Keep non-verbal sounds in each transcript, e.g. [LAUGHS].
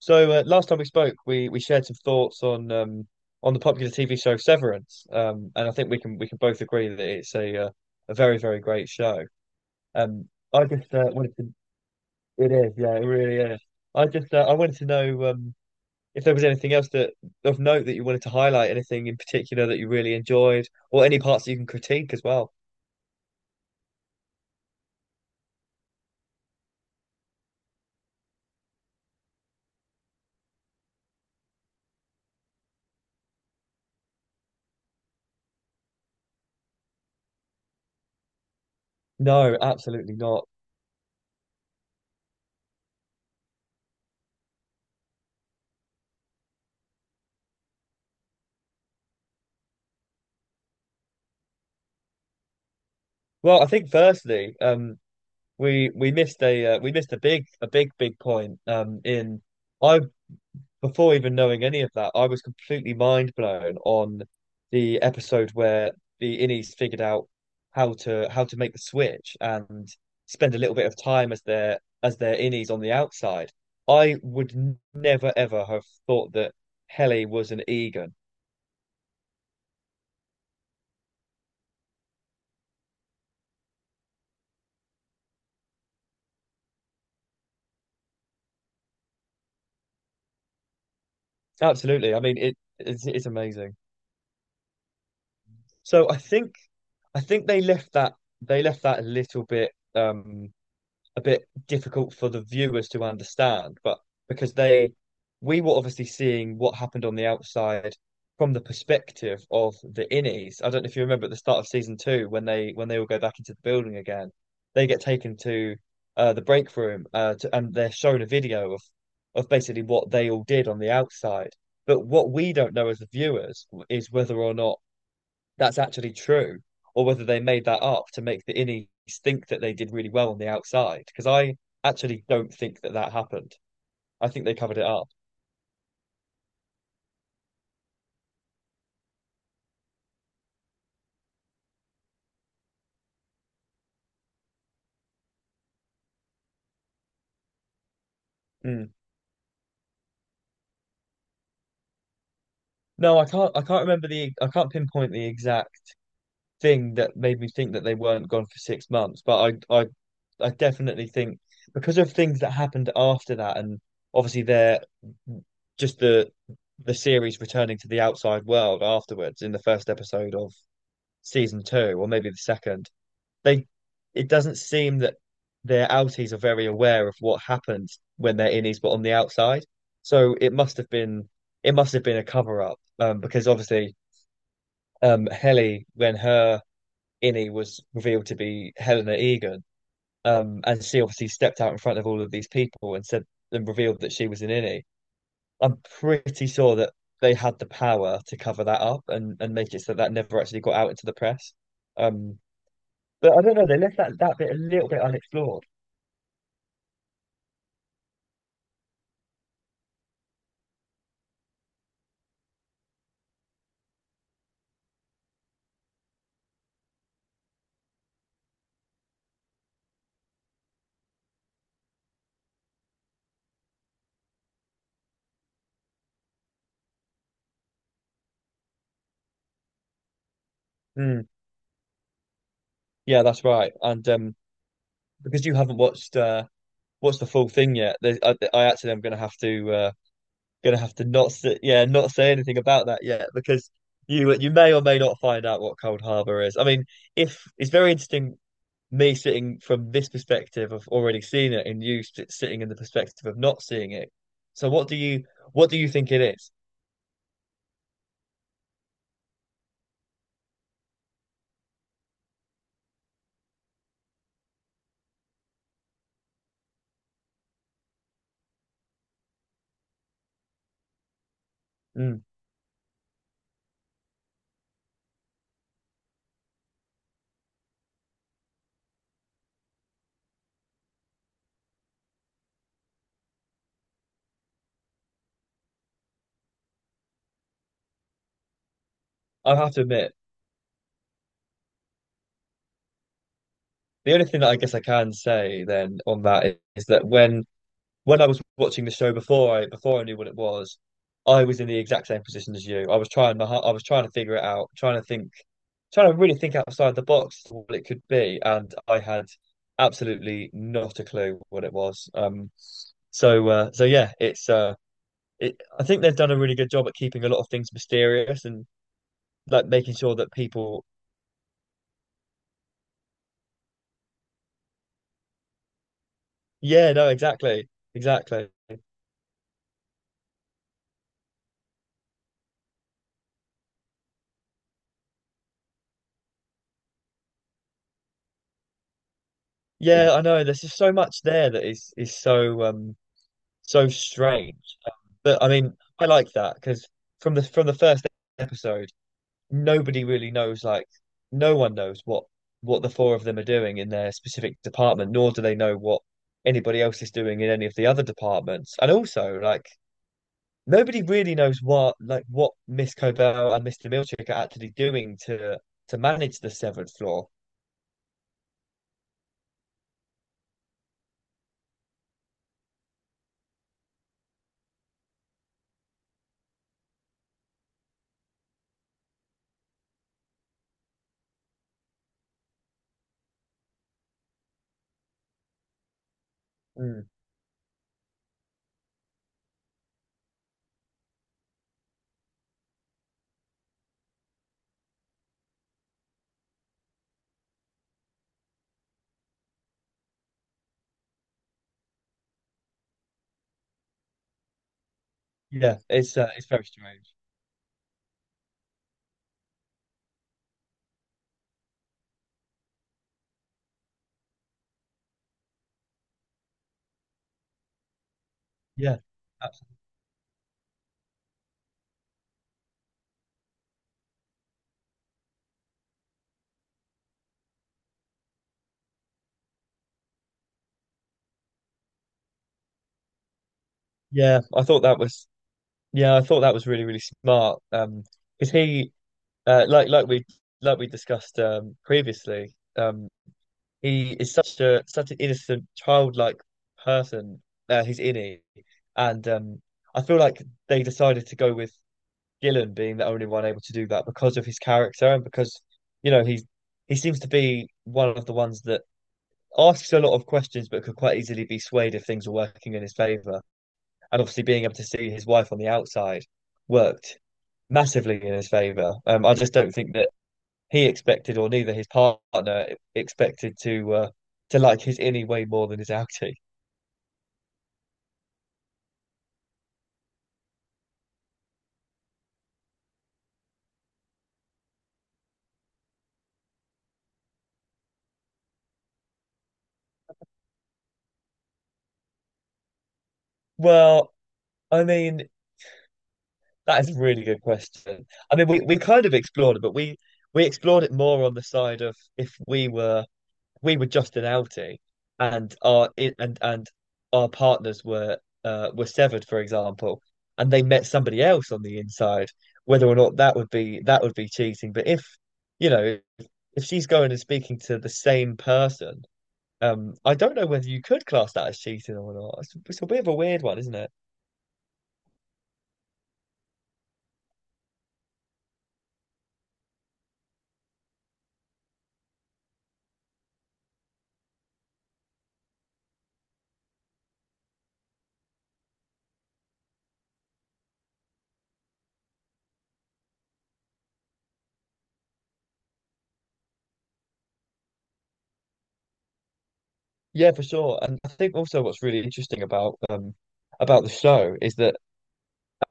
Last time we spoke, we shared some thoughts on the popular TV show Severance, and I think we can both agree that it's a very great show. I just wanted to. It is, yeah, it really is. I wanted to know if there was anything else that of note that you wanted to highlight, anything in particular that you really enjoyed, or any parts that you can critique as well. No, absolutely not. Well, I think firstly, we missed a we missed a big point in. I Before even knowing any of that, I was completely mind blown on the episode where the Innies figured out how to make the switch and spend a little bit of time as their Innies on the outside. I would never ever have thought that Helly was an Egan. Absolutely. I mean, it's amazing. So I think they left that a little bit a bit difficult for the viewers to understand, but because they we were obviously seeing what happened on the outside from the perspective of the innies. I don't know if you remember at the start of season two when they all go back into the building again, they get taken to the break room and they're shown a video of basically what they all did on the outside. But what we don't know as the viewers is whether or not that's actually true, or whether they made that up to make the innies think that they did really well on the outside. Because I actually don't think that that happened. I think they covered it up. Mm. No, I can't. I can't remember the. I can't pinpoint the exact thing that made me think that they weren't gone for 6 months. But I definitely think because of things that happened after that, and obviously they're just the series returning to the outside world afterwards in the first episode of season two, or maybe the second. They It doesn't seem that their outies are very aware of what happens when they're innies but on the outside. So it must have been it must have been a cover up, because obviously Heli when her innie was revealed to be Helena Egan, and she obviously stepped out in front of all of these people and said and revealed that she was an innie. I'm pretty sure that they had the power to cover that up and make it so that never actually got out into the press. Um, but I don't know, they left that bit a little bit unexplored. Mm, yeah, that's right. And because you haven't watched the full thing yet, I actually am going to have to going to have to not say, yeah not say anything about that yet because you may or may not find out what Cold Harbor is. I mean, if it's very interesting me sitting from this perspective of already seeing it and you sitting in the perspective of not seeing it. So what do you think it is? Mm, I have to admit, the only thing that I guess I can say then on that is that when I was watching the show before I knew what it was, I was in the exact same position as you. I was trying my I was trying to figure it out, trying to think, trying to really think outside the box what it could be, and I had absolutely not a clue what it was. So yeah, I think they've done a really good job at keeping a lot of things mysterious and like making sure that people, yeah, no, exactly, exactly. Yeah. Yeah, I know. There's just so much there that is so so strange. But I mean, I like that because from the first episode, nobody really knows like no one knows what the four of them are doing in their specific department, nor do they know what anybody else is doing in any of the other departments. And also, like nobody really knows what like what Miss Cobell and Mr. Milchick are actually doing to manage the severed floor. Mm. Yeah, it's very strange. Yeah, abs- yeah. I thought that was yeah, I thought that was really smart. Because he like like we discussed, he is such a such an innocent, childlike person. He's innie, and I feel like they decided to go with Gillen being the only one able to do that because of his character and because you know he's he seems to be one of the ones that asks a lot of questions but could quite easily be swayed if things are working in his favor. And obviously, being able to see his wife on the outside worked massively in his favor. I just don't think that he expected, or neither his partner expected to like his innie way more than his outie? Well, I mean, that is a really good question. I mean, we kind of explored it, but we explored it more on the side of if we were just an outie and our I- and our partners were severed, for example, and they met somebody else on the inside, whether or not that would be cheating. But if you know if she's going and speaking to the same person. I don't know whether you could class that as cheating or not. It's a bit of a weird one, isn't it? Yeah, for sure. And I think also what's really interesting about the show is that,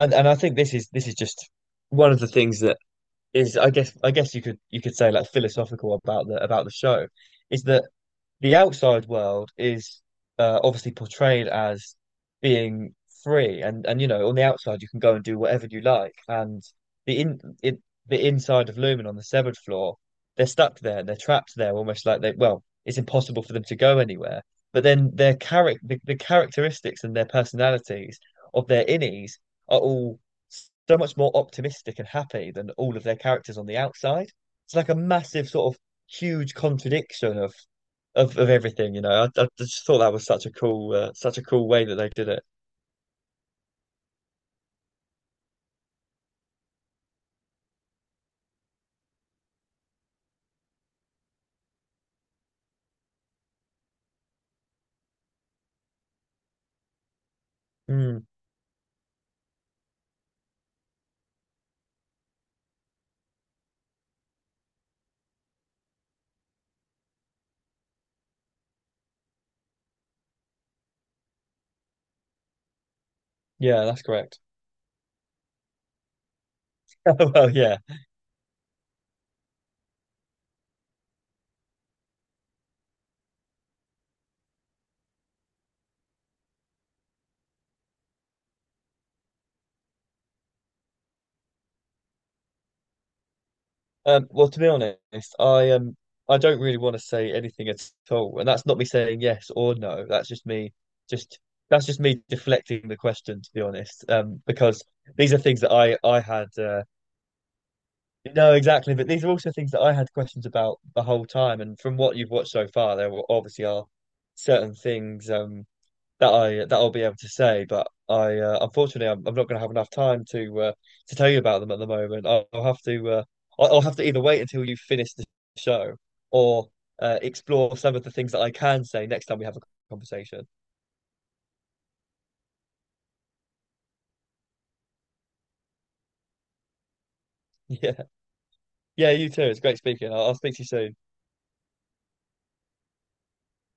and I think this is just one of the things that is, I guess you could say like philosophical about the show, is that the outside world is obviously portrayed as being free and you know on the outside you can go and do whatever you like and the in it, the inside of Lumen on the severed floor, they're stuck there, they're trapped there, almost like they, well it's impossible for them to go anywhere, but then their character, the characteristics and their personalities of their innies are all so much more optimistic and happy than all of their characters on the outside. It's like a massive sort of huge contradiction of everything. You know, I just thought that was such a cool way that they did it. Mm, yeah, that's correct. [LAUGHS] Well, yeah. Well, to be honest, I um, I don't really want to say anything at all, and that's not me saying yes or no. Just that's just me deflecting the question, to be honest. Because these are things that I had. No, exactly, but these are also things that I had questions about the whole time, and from what you've watched so far, obviously are certain things. That I'll be able to say, but I unfortunately I'm not going to have enough time to tell you about them at the moment. I'll have to I'll have to either wait until you finish the show or explore some of the things that I can say next time we have a conversation. [LAUGHS] Yeah, yeah, you too. It's great speaking. I'll speak to you soon.